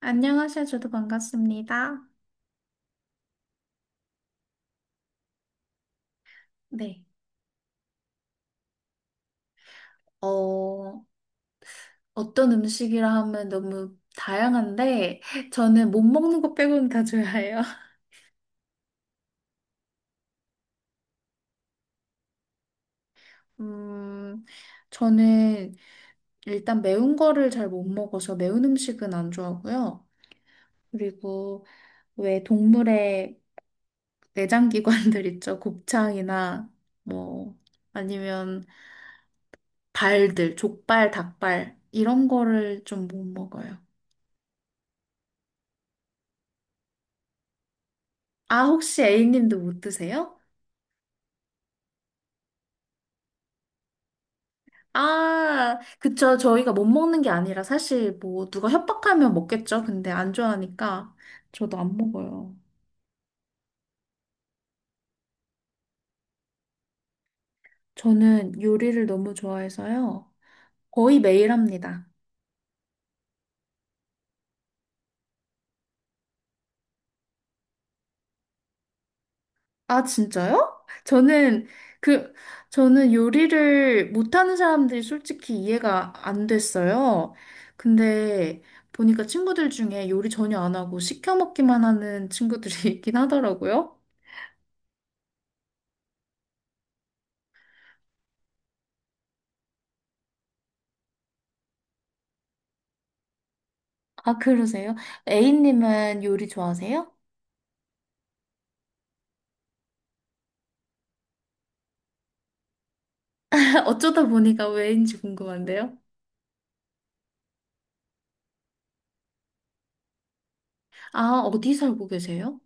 안녕하세요. 저도 반갑습니다. 네. 어, 어떤 음식이라 하면 너무 다양한데, 저는 못 먹는 거 빼고는 다 좋아해요. 음, 저는 일단 매운 거를 잘 못 먹어서 매운 음식은 안 좋아하고요. 그리고 왜 동물의 내장기관들 있죠? 곱창이나 뭐, 아니면 발들, 족발, 닭발, 이런 거를 좀 못 먹어요. 아, 혹시 A님도 못 드세요? 아, 그쵸. 저희가 못 먹는 게 아니라 사실 뭐 누가 협박하면 먹겠죠. 근데 안 좋아하니까 저도 안 먹어요. 저는 요리를 너무 좋아해서요. 거의 매일 합니다. 아, 진짜요? 저는 그, 저는 요리를 못하는 사람들이 솔직히 이해가 안 됐어요. 근데 보니까 친구들 중에 요리 전혀 안 하고 시켜 먹기만 하는 친구들이 있긴 하더라고요. 아, 그러세요? A님은 요리 좋아하세요? 어쩌다 보니까 왜인지 궁금한데요. 아, 어디 살고 계세요?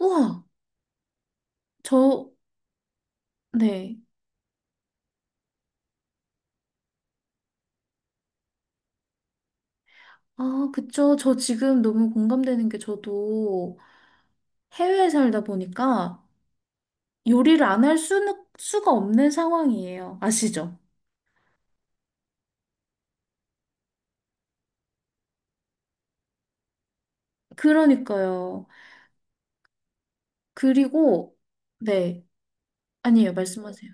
우와, 저, 네. 아, 그쵸. 저 지금 너무 공감되는 게 저도 해외에 살다 보니까 요리를 안 할 수는, 수가 없는 상황이에요. 아시죠? 그러니까요. 그리고, 네. 아니에요. 말씀하세요.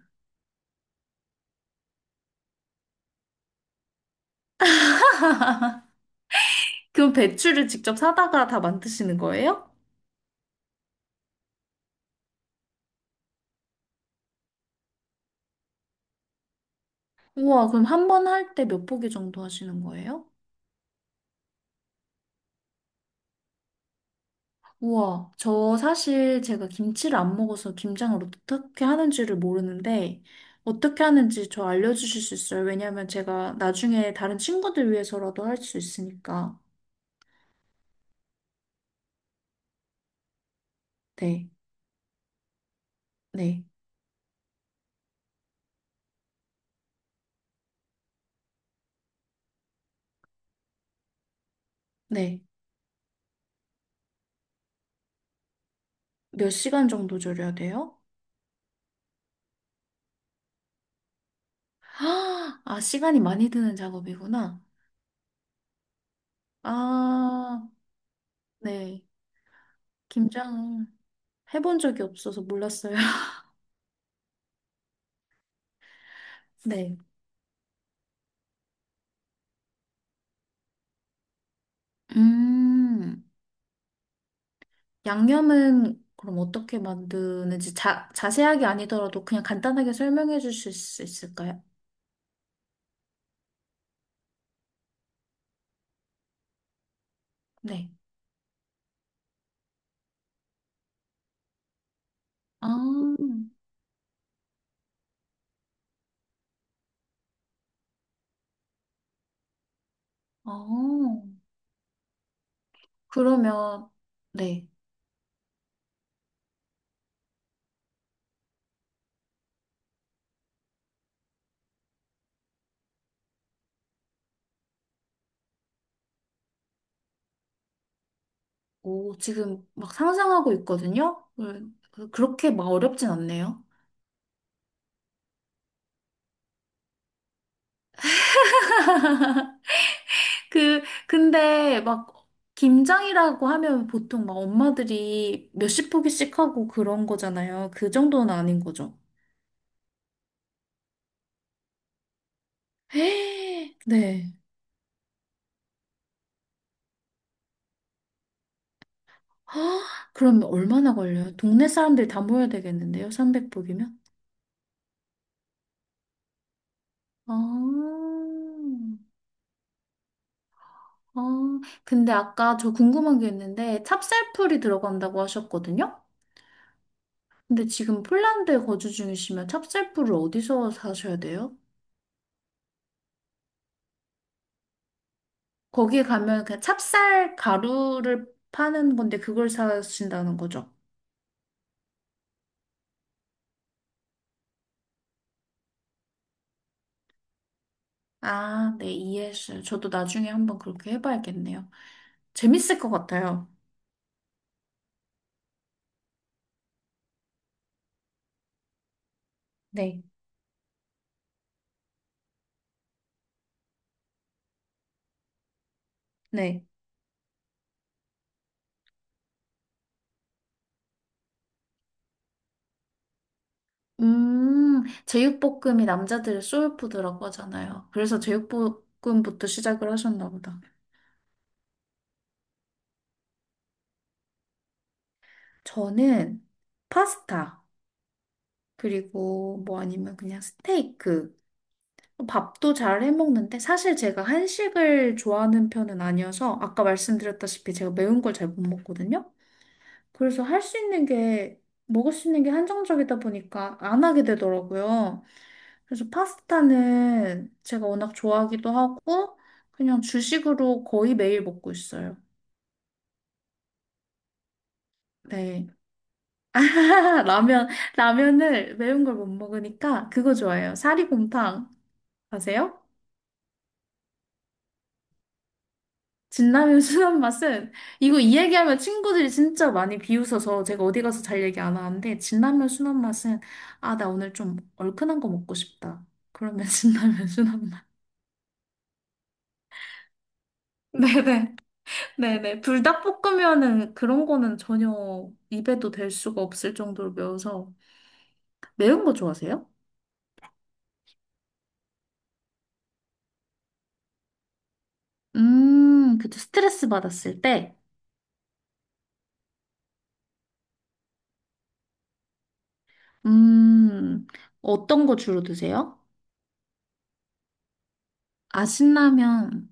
그럼 배추를 직접 사다가 다 만드시는 거예요? 우와, 그럼 한 번 할 때 몇 포기 정도 하시는 거예요? 우와, 저 사실 제가 김치를 안 먹어서 김장을 어떻게 하는지를 모르는데, 어떻게 하는지 저 알려주실 수 있어요? 왜냐면 제가 나중에 다른 친구들 위해서라도 할 수 있으니까. 네, 네, 네. 몇 시간 정도 절여야 돼요? 아, 아, 시간이 많이 드는 작업이구나. 아, 네. 김장 해본 적이 없어서 몰랐어요. 네. 음. 양념은 그럼 어떻게 만드는지 자, 자세하게 아니더라도 그냥 간단하게 설명해 주실 수 있을까요? 네. 아, 어, 그러면, 네. 오, 지금 막 상상하고 있거든요? 그렇게 막 어렵진 않네요. 그, 근데 막 김장이라고 하면 보통 막 엄마들이 몇십 포기씩 하고 그런 거잖아요. 그 정도는 아닌 거죠. 헤, 네. 헉, 그럼 얼마나 걸려요? 동네 사람들 다 모여야 되겠는데요? 300복이면? 아, 아, 근데 아까 저 궁금한 게 있는데 찹쌀풀이 들어간다고 하셨거든요? 근데 지금 폴란드에 거주 중이시면 찹쌀풀을 어디서 사셔야 돼요? 거기에 가면 그냥 찹쌀 가루를 파는 건데 그걸 사신다는 거죠? 아, 네, 이해했어요. 저도 나중에 한번 그렇게 해봐야겠네요. 재밌을 것 같아요. 네, 네. 제육볶음이 남자들의 소울푸드라고 하잖아요. 그래서 제육볶음부터 시작을 하셨나 보다. 저는 파스타, 그리고 뭐 아니면 그냥 스테이크. 뭐 밥도 잘 해먹는데 사실 제가 한식을 좋아하는 편은 아니어서 아까 말씀드렸다시피 제가 매운 걸 잘 못 먹거든요. 그래서 할 수 있는 게, 먹을 수 있는 게 한정적이다 보니까 안 하게 되더라고요. 그래서 파스타는 제가 워낙 좋아하기도 하고, 그냥 주식으로 거의 매일 먹고 있어요. 네. 라면, 라면을 매운 걸 못 먹으니까 그거 좋아해요. 사리곰탕. 아세요? 진라면 순한 맛은, 이거 이 얘기하면 친구들이 진짜 많이 비웃어서 제가 어디 가서 잘 얘기 안 하는데, 진라면 순한 맛은, 아, 나 오늘 좀 얼큰한 거 먹고 싶다. 그러면 진라면 순한 맛. 네네. 네네. 불닭볶음면은 그런 거는 전혀 입에도 댈 수가 없을 정도로 매워서. 매운 거 좋아하세요? 그쵸. 스트레스 받았을 때, 음, 어떤 거 주로 드세요? 아, 신라면,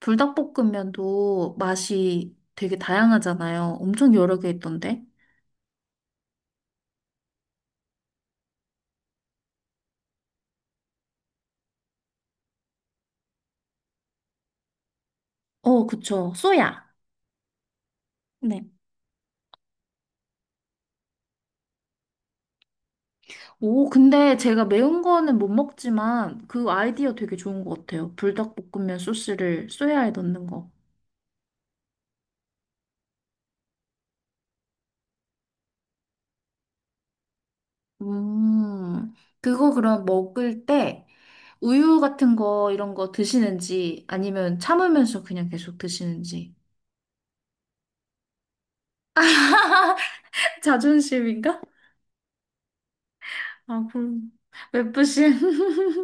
불닭볶음면도 맛이 되게 다양하잖아요. 엄청 여러 개 있던데. 어, 그쵸. 쏘야. 네. 오, 근데 제가 매운 거는 못 먹지만 그 아이디어 되게 좋은 것 같아요. 불닭볶음면 소스를 쏘야에 넣는 거. 음, 그거 그럼 먹을 때 우유 같은 거 이런 거 드시는지 아니면 참으면서 그냥 계속 드시는지. 자존심인가? 아, 그럼 맵부심.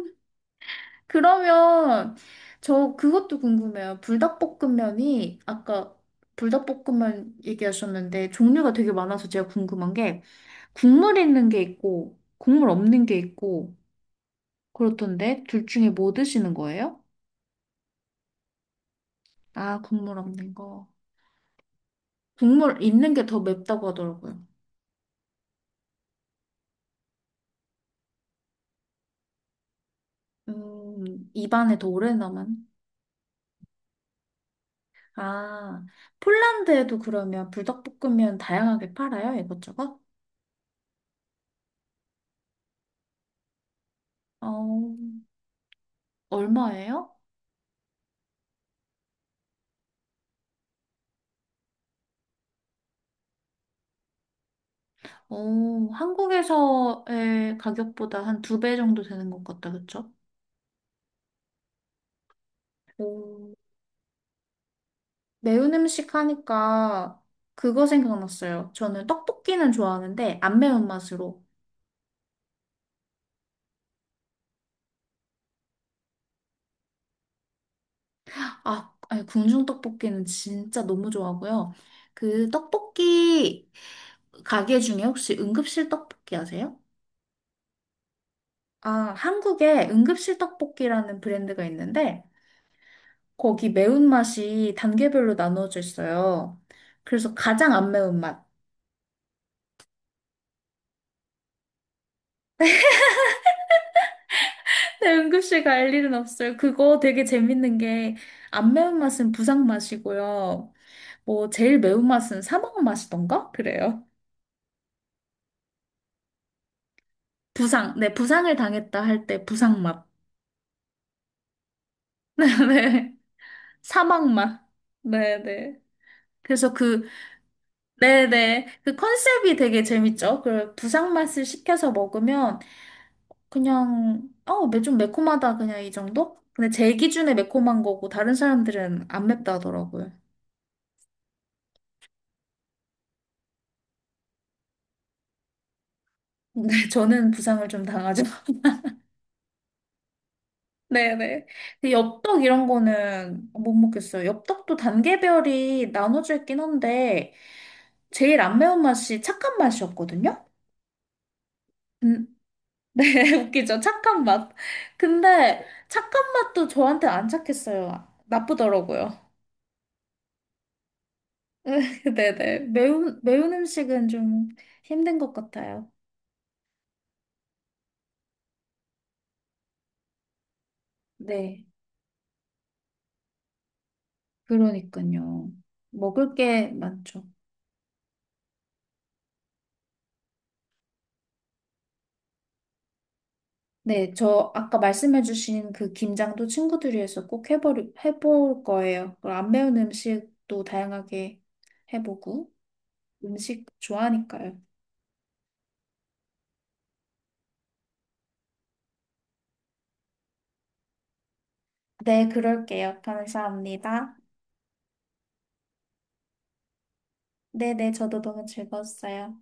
그러면 저 그것도 궁금해요. 불닭볶음면이 아까 불닭볶음면 얘기하셨는데 종류가 되게 많아서 제가 궁금한 게 국물 있는 게 있고 국물 없는 게 있고 그렇던데 둘 중에 뭐 드시는 거예요? 아, 국물 없는 거. 국물 있는 게 더 맵다고 하더라고요. 입안에 더 오래 남은. 아, 폴란드에도 그러면 불닭볶음면 다양하게 팔아요? 이것저것? 어, 얼마예요? 어, 한국에서의 가격보다 한 두 배 정도 되는 것 같다, 그쵸? 오, 매운 음식 하니까 그거 생각났어요. 저는 떡볶이는 좋아하는데 안 매운 맛으로. 아, 아니, 궁중 떡볶이는 진짜 너무 좋아하고요. 그 떡볶이 가게 중에 혹시 응급실 떡볶이 아세요? 아, 한국에 응급실 떡볶이라는 브랜드가 있는데 거기 매운맛이 단계별로 나눠져 있어요. 그래서 가장 안 매운맛. 네, 응급실 갈 일은 없어요. 그거 되게 재밌는 게 안 매운맛은 부상맛이고요. 뭐 제일 매운맛은 사망맛이던가? 그래요. 부상. 네, 부상을 당했다 할 때 부상맛. 네네. 사막맛. 네네. 그래서 그, 네네. 그 컨셉이 되게 재밌죠? 그 부상맛을 시켜서 먹으면 그냥, 어, 매- 좀 매콤하다. 그냥 이 정도? 근데 제 기준에 매콤한 거고 다른 사람들은 안 맵다더라고요. 하 근데 저는 부상을 좀 당하죠. 네네. 근데 엽떡 이런 거는 못 먹겠어요. 엽떡도 단계별이 나눠져 있긴 한데 제일 안 매운 맛이 착한 맛이었거든요? 음, 네, 웃기죠. 착한 맛. 근데 착한 맛도 저한테 안 착했어요. 나쁘더라고요. 네네. 매운 음식은 좀 힘든 것 같아요. 네. 그러니까요. 먹을 게 많죠. 네, 저 아까 말씀해주신 그 김장도 친구들이 해서 꼭 해볼 거예요. 그리고 안 매운 음식도 다양하게 해보고 음식 좋아하니까요. 네, 그럴게요. 감사합니다. 네네, 저도 너무 즐거웠어요.